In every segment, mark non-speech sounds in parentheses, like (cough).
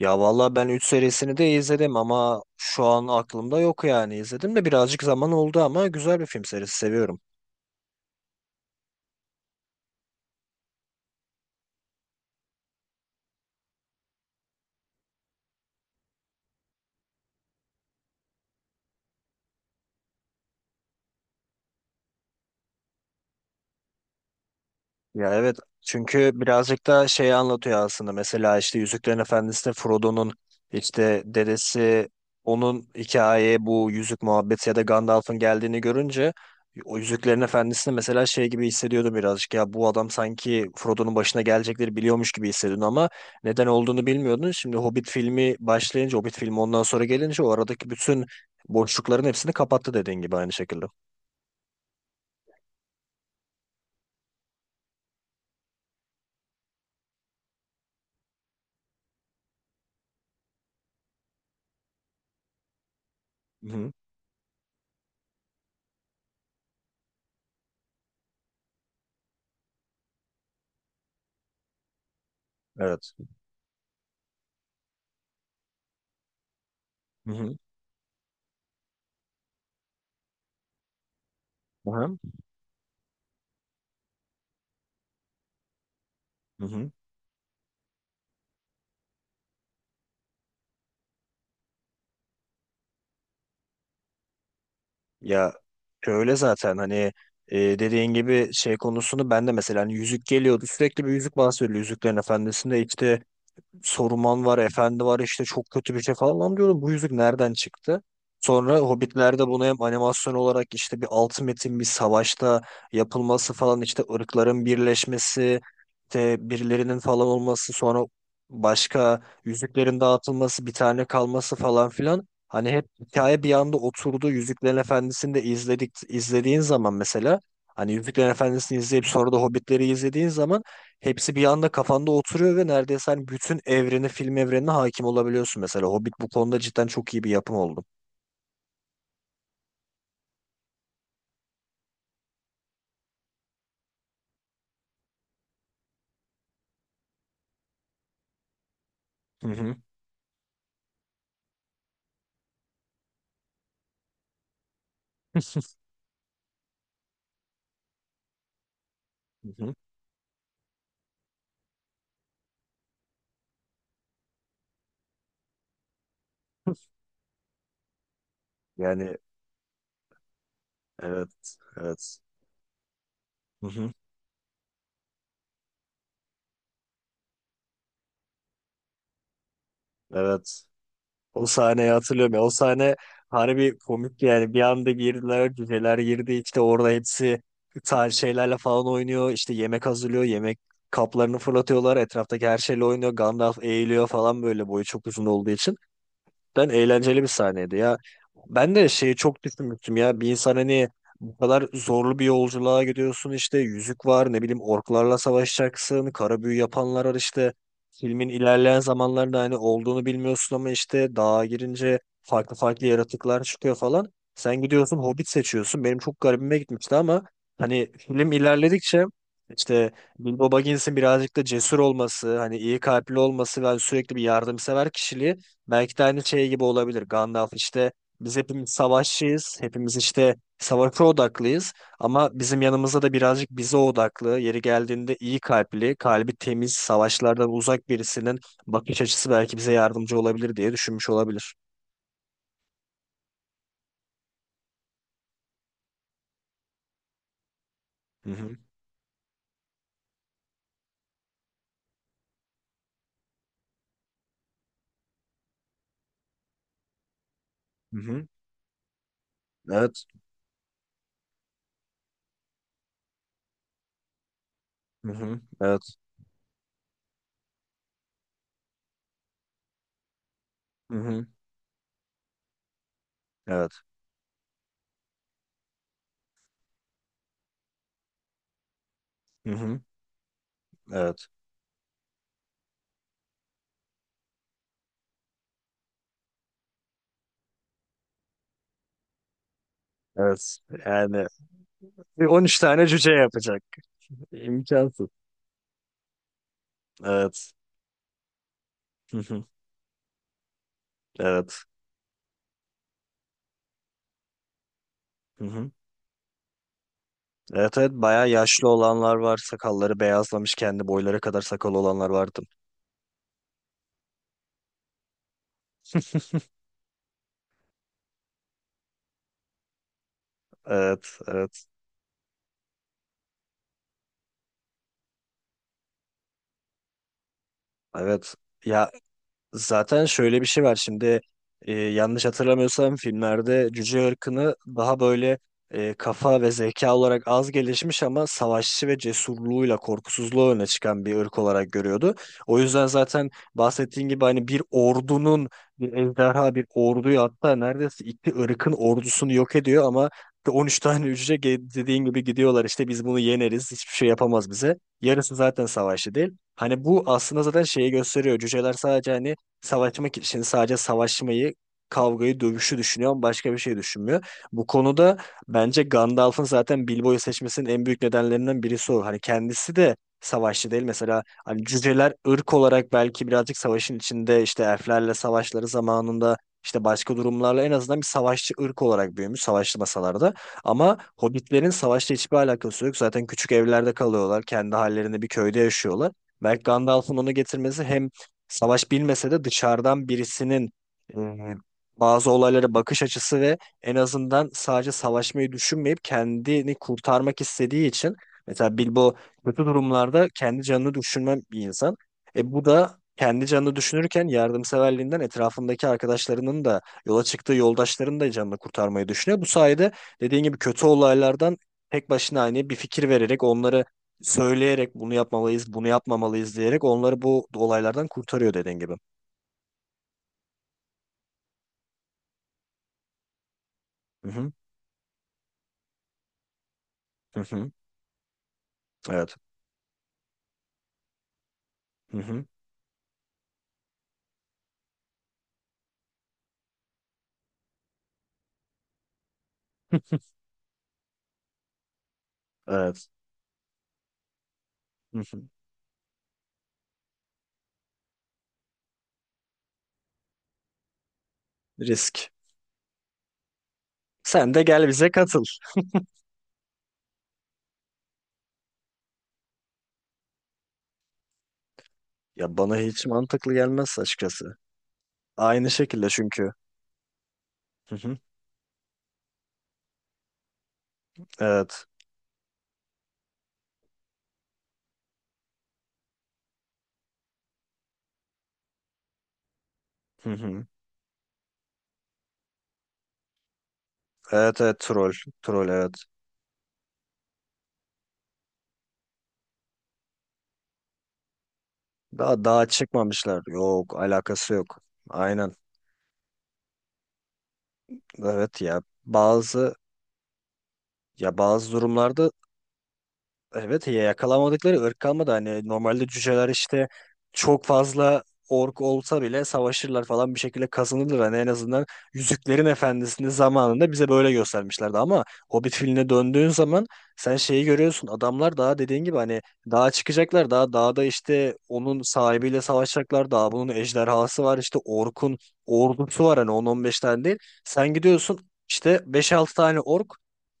Ya valla ben 3 serisini de izledim ama şu an aklımda yok yani. İzledim de birazcık zaman oldu ama güzel bir film serisi seviyorum. Ya evet, çünkü birazcık da şeyi anlatıyor aslında. Mesela işte Yüzüklerin Efendisi'nde Frodo'nun işte dedesi onun hikayeye, bu yüzük muhabbeti ya da Gandalf'ın geldiğini görünce, o Yüzüklerin Efendisi'nde mesela şey gibi hissediyordum birazcık. Ya bu adam sanki Frodo'nun başına gelecekleri biliyormuş gibi hissediyordun ama neden olduğunu bilmiyordun. Şimdi Hobbit filmi başlayınca, Hobbit filmi ondan sonra gelince o aradaki bütün boşlukların hepsini kapattı, dediğin gibi aynı şekilde. Hı-hı. Evet. Hı-hı. Hı-hı. Hı-hı. Ya öyle zaten, hani dediğin gibi şey konusunu ben de mesela, hani yüzük geliyordu sürekli, bir yüzük bahsediliyor Yüzüklerin Efendisi'nde. İşte Saruman var, Efendi var, işte çok kötü bir şey falan, lan diyordum. Bu yüzük nereden çıktı? Sonra Hobbitler'de bunu hem animasyon olarak işte bir altı metin bir savaşta yapılması falan, işte ırkların birleşmesi, işte birilerinin falan olması, sonra başka yüzüklerin dağıtılması, bir tane kalması falan filan. Hani hep hikaye bir anda oturdu. Yüzüklerin Efendisi'ni de izledik. İzlediğin zaman mesela, hani Yüzüklerin Efendisi'ni izleyip sonra da Hobbitleri izlediğin zaman hepsi bir anda kafanda oturuyor ve neredeyse hani bütün evreni, film evrenine hakim olabiliyorsun mesela. Hobbit bu konuda cidden çok iyi bir yapım oldu. Hı hı. (laughs) Hı hı. Yani evet, evet. Hı hı. Evet. O sahneyi hatırlıyorum ya. O sahne harbi komik yani. Bir anda girdiler, cüceler girdi. İşte orada hepsi tarz şeylerle falan oynuyor. İşte yemek hazırlıyor. Yemek kaplarını fırlatıyorlar. Etraftaki her şeyle oynuyor. Gandalf eğiliyor falan, böyle boyu çok uzun olduğu için. Cidden eğlenceli bir sahneydi ya. Ben de şeyi çok düşünmüştüm ya. Bir insan, hani bu kadar zorlu bir yolculuğa gidiyorsun, işte yüzük var, ne bileyim orklarla savaşacaksın. Kara büyü yapanlar var işte. Filmin ilerleyen zamanlarında hani olduğunu bilmiyorsun ama işte dağa girince farklı farklı yaratıklar çıkıyor falan. Sen gidiyorsun Hobbit seçiyorsun. Benim çok garibime gitmişti ama hani film ilerledikçe işte Bilbo Baggins'in birazcık da cesur olması, hani iyi kalpli olması ve hani sürekli bir yardımsever kişiliği, belki de aynı şey gibi olabilir. Gandalf işte, biz hepimiz savaşçıyız. Hepimiz işte savaşa odaklıyız. Ama bizim yanımızda da birazcık bize odaklı, yeri geldiğinde iyi kalpli, kalbi temiz, savaşlardan uzak birisinin bakış açısı belki bize yardımcı olabilir diye düşünmüş olabilir. Hı hı. Hı hı. Evet. Hı hı. Evet. Hı hı. Evet. Hı hı. Evet. Evet. Yani bir 13 tane cüce yapacak. İmkansız. Evet. Hı hı. Evet. Hı hı. Evet evet, bayağı yaşlı olanlar var. Sakalları beyazlamış, kendi boyları kadar sakal olanlar vardı. Evet, evet, evet. Ya zaten şöyle bir şey var şimdi, yanlış hatırlamıyorsam filmlerde cüce ırkını daha böyle, kafa ve zeka olarak az gelişmiş ama savaşçı ve cesurluğuyla, korkusuzluğu öne çıkan bir ırk olarak görüyordu. O yüzden zaten bahsettiğin gibi, hani bir ordunun, bir ejderha bir orduyu, hatta neredeyse iki ırkın ordusunu yok ediyor ama 13 tane cüce dediğin gibi gidiyorlar işte, biz bunu yeneriz, hiçbir şey yapamaz bize. Yarısı zaten savaşçı değil. Hani bu aslında zaten şeyi gösteriyor. Cüceler sadece, hani savaşmak için sadece savaşmayı, kavgayı, dövüşü düşünüyor ama başka bir şey düşünmüyor. Bu konuda bence Gandalf'ın zaten Bilbo'yu seçmesinin en büyük nedenlerinden birisi o. Hani kendisi de savaşçı değil. Mesela hani cüceler ırk olarak belki birazcık savaşın içinde, işte elflerle savaşları zamanında, işte başka durumlarla, en azından bir savaşçı ırk olarak büyümüş savaşlı masalarda. Ama hobbitlerin savaşla hiçbir alakası yok. Zaten küçük evlerde kalıyorlar. Kendi hallerinde bir köyde yaşıyorlar. Belki Gandalf'ın onu getirmesi, hem savaş bilmese de dışarıdan birisinin e, bazı olaylara bakış açısı ve en azından sadece savaşmayı düşünmeyip kendini kurtarmak istediği için, mesela Bilbo kötü durumlarda kendi canını düşünmem bir insan. Bu da kendi canını düşünürken, yardımseverliğinden etrafındaki arkadaşlarının da, yola çıktığı yoldaşlarının da canını kurtarmayı düşünüyor. Bu sayede dediğin gibi kötü olaylardan tek başına, hani bir fikir vererek, onları söyleyerek bunu yapmalıyız, bunu yapmamalıyız diyerek onları bu olaylardan kurtarıyor, dediğin gibi. Hı hı, hı hı, evet. Hı hı, (laughs) evet. Hı hı. Risk. Sen de gel bize katıl. Ya bana hiç mantıklı gelmez açıkçası. Aynı şekilde çünkü. Hı hı, evet. Hı hı. Evet evet, troll. Troll, evet. Daha daha çıkmamışlar. Yok, alakası yok. Aynen. Evet ya. Bazı... Ya, bazı durumlarda... Evet ya, yakalamadıkları ırk kalmadı. Hani normalde cüceler işte çok fazla ork olsa bile savaşırlar falan, bir şekilde kazanırlar. Hani en azından Yüzüklerin Efendisi'ni zamanında bize böyle göstermişlerdi. Ama Hobbit filmine döndüğün zaman sen şeyi görüyorsun. Adamlar daha dediğin gibi hani dağa çıkacaklar. Daha dağda işte onun sahibiyle savaşacaklar. Daha bunun ejderhası var, işte orkun ordusu var. Hani 10-15 tane değil. Sen gidiyorsun işte beş altı tane ork,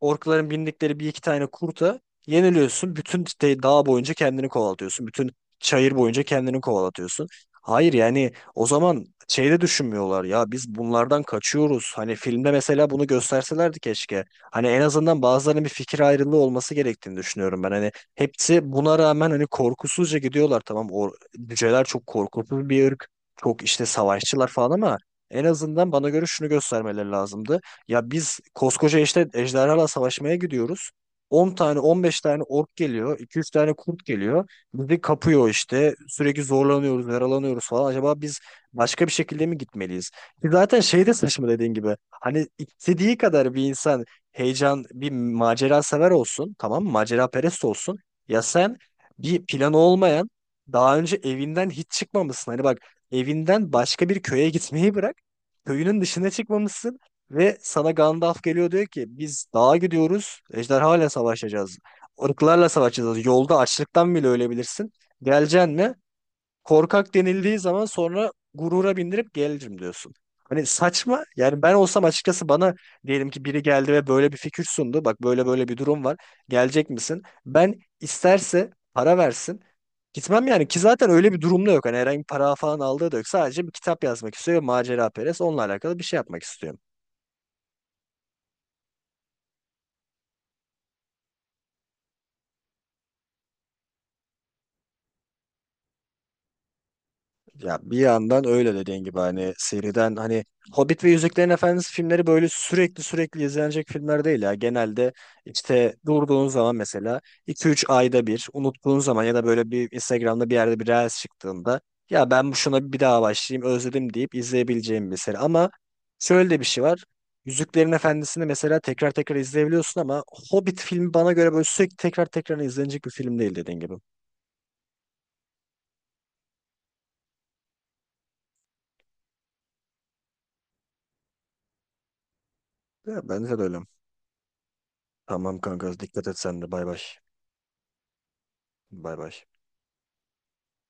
orkların bindikleri bir iki tane kurta yeniliyorsun. Bütün dağ boyunca kendini kovalatıyorsun. Bütün çayır boyunca kendini kovalatıyorsun. Hayır, yani o zaman şeyde düşünmüyorlar ya, biz bunlardan kaçıyoruz. Hani filmde mesela bunu gösterselerdi keşke. Hani en azından bazılarının bir fikir ayrılığı olması gerektiğini düşünüyorum ben. Hani hepsi buna rağmen hani korkusuzca gidiyorlar, tamam. O cüceler çok korkutucu bir ırk. Çok işte savaşçılar falan ama en azından bana göre şunu göstermeleri lazımdı. Ya biz koskoca işte ejderhalarla savaşmaya gidiyoruz. 10 tane 15 tane ork geliyor. İki üç tane kurt geliyor. Bizi kapıyor işte. Sürekli zorlanıyoruz, yaralanıyoruz falan. Acaba biz başka bir şekilde mi gitmeliyiz? Ki zaten şey de saçma dediğin gibi. Hani istediği kadar bir insan heyecan, bir macera sever olsun. Tamam mı? Macera perest olsun. Ya sen bir planı olmayan, daha önce evinden hiç çıkmamışsın. Hani bak, evinden başka bir köye gitmeyi bırak, köyünün dışına çıkmamışsın. Ve sana Gandalf geliyor, diyor ki biz dağa gidiyoruz. Ejderhalarla savaşacağız. Irklarla savaşacağız. Yolda açlıktan bile ölebilirsin. Geleceksin mi? Korkak denildiği zaman sonra gurura bindirip gelirim diyorsun. Hani saçma. Yani ben olsam açıkçası, bana diyelim ki biri geldi ve böyle bir fikir sundu. Bak böyle böyle bir durum var. Gelecek misin? Ben isterse para versin, gitmem yani. Ki zaten öyle bir durumda yok. Hani herhangi bir para falan aldığı da yok. Sadece bir kitap yazmak istiyor ve macera perest. Onunla alakalı bir şey yapmak istiyor. Ya bir yandan öyle dediğin gibi, hani seriden, hani Hobbit ve Yüzüklerin Efendisi filmleri böyle sürekli sürekli izlenecek filmler değil ya. Genelde işte durduğun zaman mesela, iki üç ayda bir unuttuğun zaman ya da böyle bir Instagram'da bir yerde bir reels çıktığında, ya ben bu şuna bir daha başlayayım özledim deyip izleyebileceğim bir seri. Ama şöyle de bir şey var. Yüzüklerin Efendisi'ni mesela tekrar tekrar izleyebiliyorsun ama Hobbit filmi bana göre böyle sürekli tekrar tekrar izlenecek bir film değil, dediğin gibi. Ya bence de öyle. Tamam kanka, dikkat et sen de, bay bay. Bay bay.